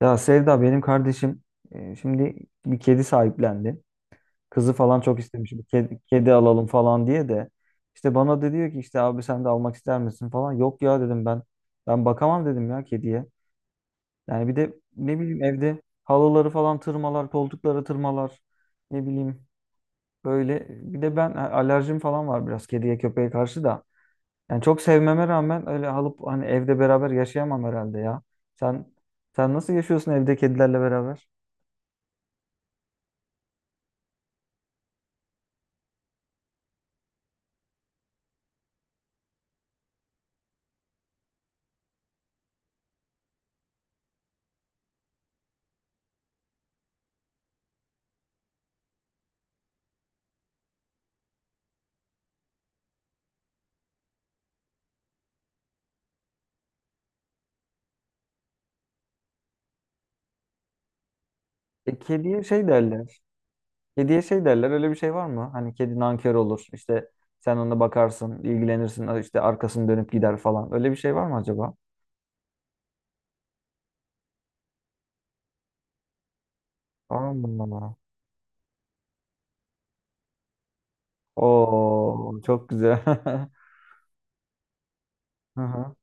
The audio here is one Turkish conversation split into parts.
Ya Sevda benim kardeşim şimdi bir kedi sahiplendi. Kızı falan çok istemiş bir kedi, kedi alalım falan diye de işte bana da diyor ki işte abi sen de almak ister misin falan. Yok ya dedim ben. Ben bakamam dedim ya kediye. Yani bir de ne bileyim evde halıları falan tırmalar, koltukları tırmalar. Ne bileyim böyle bir de ben alerjim falan var biraz kediye köpeğe karşı da. Yani çok sevmeme rağmen öyle alıp hani evde beraber yaşayamam herhalde ya. Sen sen nasıl yaşıyorsun evde kedilerle beraber? Kediye şey derler. Kediye şey derler. Öyle bir şey var mı? Hani kedi nankör olur. İşte sen ona bakarsın, ilgilenirsin. İşte arkasını dönüp gider falan. Öyle bir şey var mı acaba? Allah. Allah. Oo, çok güzel. Hı hı.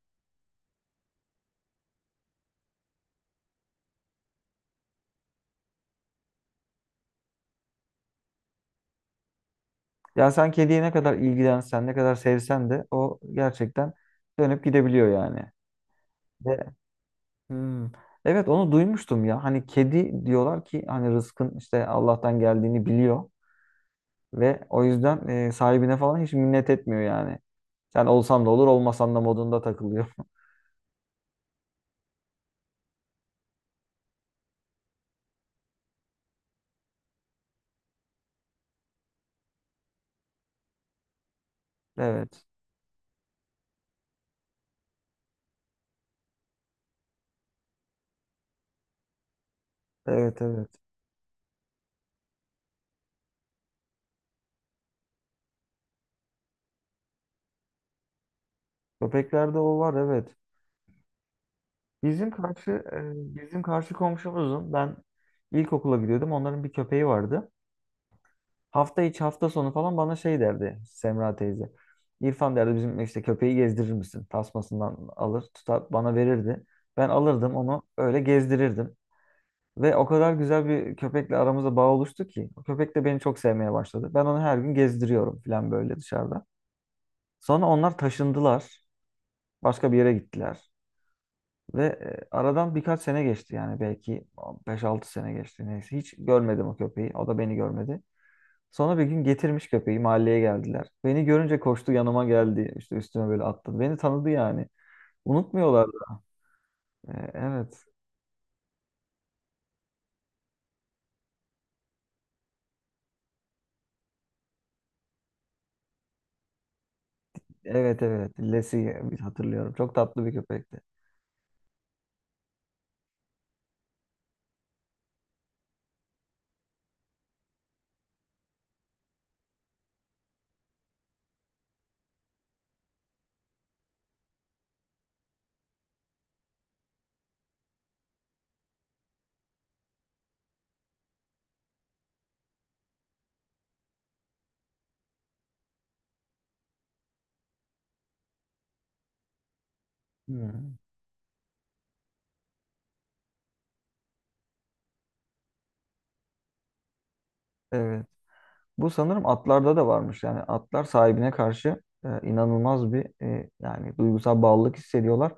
Ya sen kediye ne kadar ilgilensen, ne kadar sevsen de o gerçekten dönüp gidebiliyor yani. Ve- Hmm. Evet onu duymuştum ya. Hani kedi diyorlar ki hani rızkın işte Allah'tan geldiğini biliyor. Ve o yüzden sahibine falan hiç minnet etmiyor yani. Sen olsan da olur, olmasan da modunda takılıyor. Evet. Evet, evet. Köpeklerde o var, evet. Bizim karşı bizim karşı komşumuzun ben ilkokula gidiyordum. Onların bir köpeği vardı. Hafta içi hafta sonu falan bana şey derdi Semra teyze. İrfan derdi bizim işte köpeği gezdirir misin? Tasmasından alır, tutar bana verirdi. Ben alırdım onu öyle gezdirirdim. Ve o kadar güzel bir köpekle aramızda bağ oluştu ki. O köpek de beni çok sevmeye başladı. Ben onu her gün gezdiriyorum falan böyle dışarıda. Sonra onlar taşındılar. Başka bir yere gittiler. Ve aradan birkaç sene geçti yani belki beş altı sene geçti neyse. Hiç görmedim o köpeği. O da beni görmedi. Sonra bir gün getirmiş köpeği mahalleye geldiler. Beni görünce koştu yanıma geldi. İşte üstüme böyle attı. Beni tanıdı yani. Unutmuyorlar da. Evet. Evet evet. Lesi hatırlıyorum. Çok tatlı bir köpekti. Hmm. Evet. Bu sanırım atlarda da varmış. Yani atlar sahibine karşı inanılmaz bir yani duygusal bağlılık hissediyorlar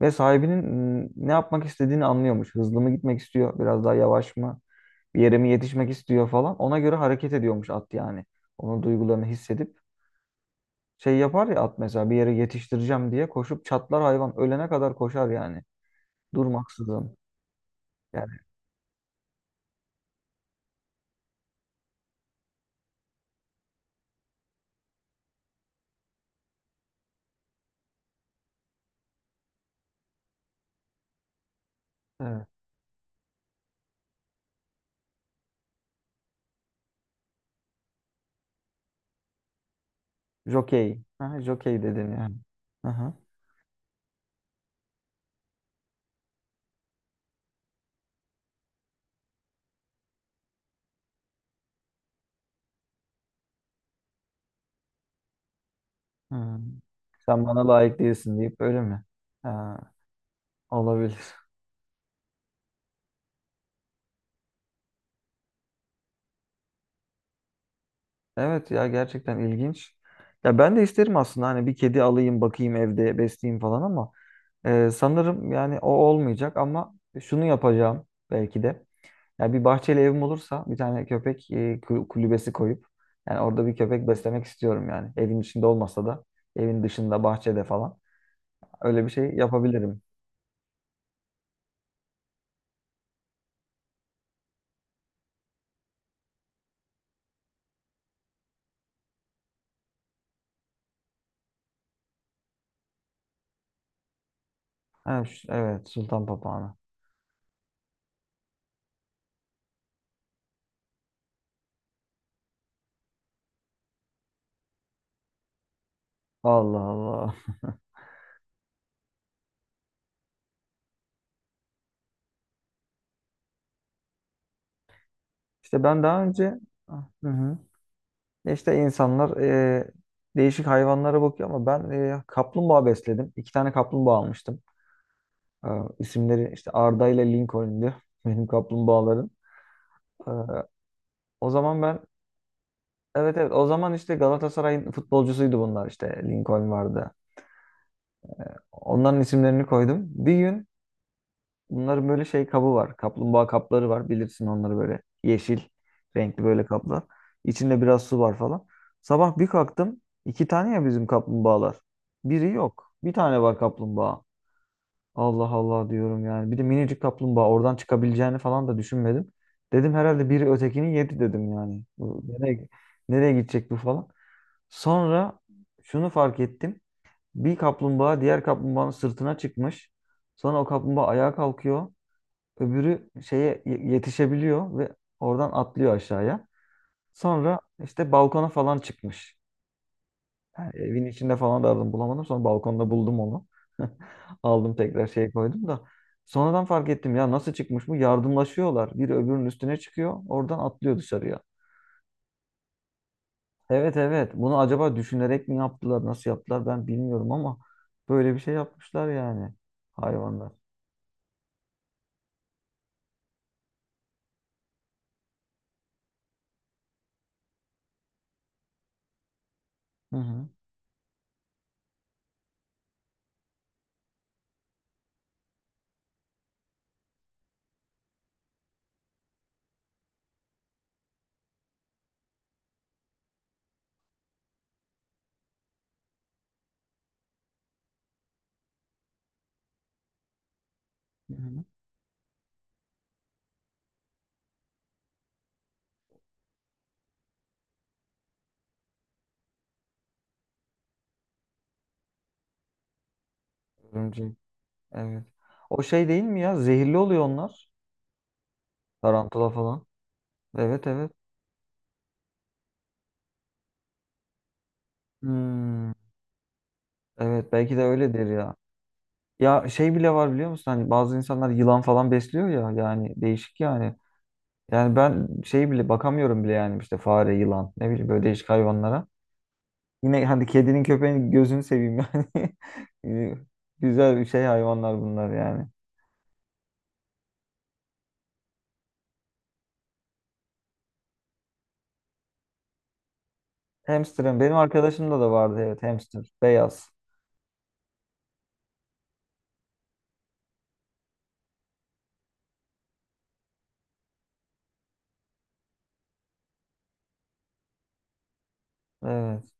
ve sahibinin ne yapmak istediğini anlıyormuş. Hızlı mı gitmek istiyor, biraz daha yavaş mı, bir yere mi yetişmek istiyor falan. Ona göre hareket ediyormuş at yani. Onun duygularını hissedip şey yapar ya at mesela bir yere yetiştireceğim diye koşup çatlar hayvan ölene kadar koşar yani. Durmaksızın. Yani evet. Jokey. Ha, jokey dedin yani. Aha. Hmm. Sen bana layık değilsin deyip öyle mi? Ha, olabilir. Evet ya gerçekten ilginç. Ya ben de isterim aslında hani bir kedi alayım bakayım evde besleyeyim falan ama sanırım yani o olmayacak ama şunu yapacağım belki de. Ya bir bahçeli evim olursa bir tane köpek kulübesi koyup yani orada bir köpek beslemek istiyorum yani. Evin içinde olmasa da evin dışında bahçede falan. Öyle bir şey yapabilirim. Ha, evet, sultan papağanı. Allah Allah. İşte ben daha önce ah, Hı hı. İşte insanlar değişik hayvanlara bakıyor ama ben kaplumbağa besledim. İki tane kaplumbağa almıştım. E, isimleri işte Arda ile Lincoln'du benim kaplumbağaların. E, o zaman ben Evet evet o zaman işte Galatasaray'ın futbolcusuydu bunlar işte Lincoln vardı. Onların isimlerini koydum. Bir gün bunların böyle şey kabı var. Kaplumbağa kapları var. Bilirsin onları böyle yeşil renkli böyle kaplar. İçinde biraz su var falan. Sabah bir kalktım. İki tane ya bizim kaplumbağalar. Biri yok. Bir tane var kaplumbağa. Allah Allah diyorum yani. Bir de minicik kaplumbağa oradan çıkabileceğini falan da düşünmedim. Dedim herhalde biri ötekini yedi dedim yani. Bu nereye, nereye gidecek bu falan. Sonra şunu fark ettim. Bir kaplumbağa diğer kaplumbağanın sırtına çıkmış. Sonra o kaplumbağa ayağa kalkıyor. Öbürü şeye yetişebiliyor ve oradan atlıyor aşağıya. Sonra işte balkona falan çıkmış. Yani evin içinde falan da aradım bulamadım. Sonra balkonda buldum onu. Aldım tekrar şeye koydum da. Sonradan fark ettim ya nasıl çıkmış bu? Yardımlaşıyorlar. Biri öbürünün üstüne çıkıyor. Oradan atlıyor dışarıya. Evet evet. Bunu acaba düşünerek mi yaptılar, nasıl yaptılar ben bilmiyorum ama böyle bir şey yapmışlar yani hayvanlar. Hı hı. Hı hı. Örümcek. Evet. O şey değil mi ya? Zehirli oluyor onlar. Tarantula falan. Evet evet. Hmm. Evet belki de öyledir ya. Ya şey bile var biliyor musun? Hani bazı insanlar yılan falan besliyor ya. Yani değişik yani. Yani ben şey bile bakamıyorum bile yani işte fare, yılan ne bileyim böyle değişik hayvanlara. Yine hadi kedinin köpeğin gözünü seveyim yani. Ee, güzel bir şey hayvanlar bunlar yani. Hamster'ın benim arkadaşımda da vardı evet hamster beyaz. Evet.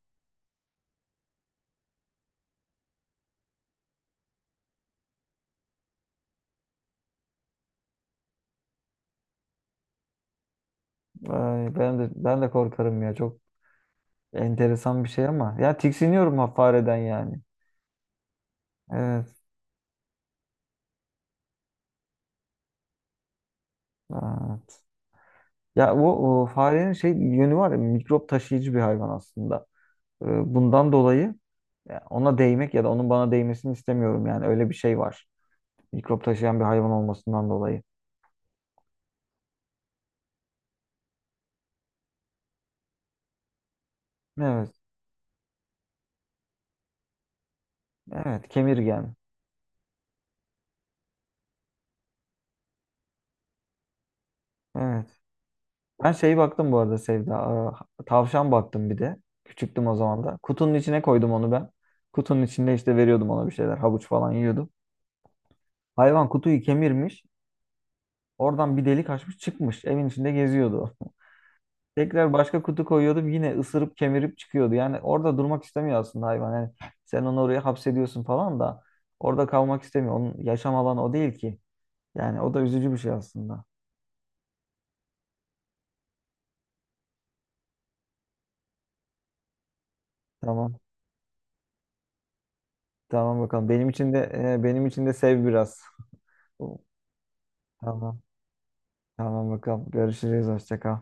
Ay, ben de korkarım ya çok enteresan bir şey ama ya tiksiniyorum ha fareden yani. Evet. Evet. Ya o, o farenin şey yönü var ya mikrop taşıyıcı bir hayvan aslında. Bundan dolayı ya ona değmek ya da onun bana değmesini istemiyorum yani öyle bir şey var. Mikrop taşıyan bir hayvan olmasından dolayı. Evet. Evet, kemirgen. Evet. Ben şeyi baktım bu arada Sevda. Tavşan baktım bir de. Küçüktüm o zaman da. Kutunun içine koydum onu ben. Kutunun içinde işte veriyordum ona bir şeyler. Havuç falan yiyordum. Hayvan kutuyu kemirmiş. Oradan bir delik açmış çıkmış. Evin içinde geziyordu. Tekrar başka kutu koyuyordum. Yine ısırıp kemirip çıkıyordu. Yani orada durmak istemiyor aslında hayvan. Yani sen onu oraya hapsediyorsun falan da orada kalmak istemiyor. Onun yaşam alanı o değil ki. Yani o da üzücü bir şey aslında. Tamam. Tamam bakalım. Benim için de benim için de sev biraz. Tamam. Tamam bakalım. Görüşürüz. Hoşça kal.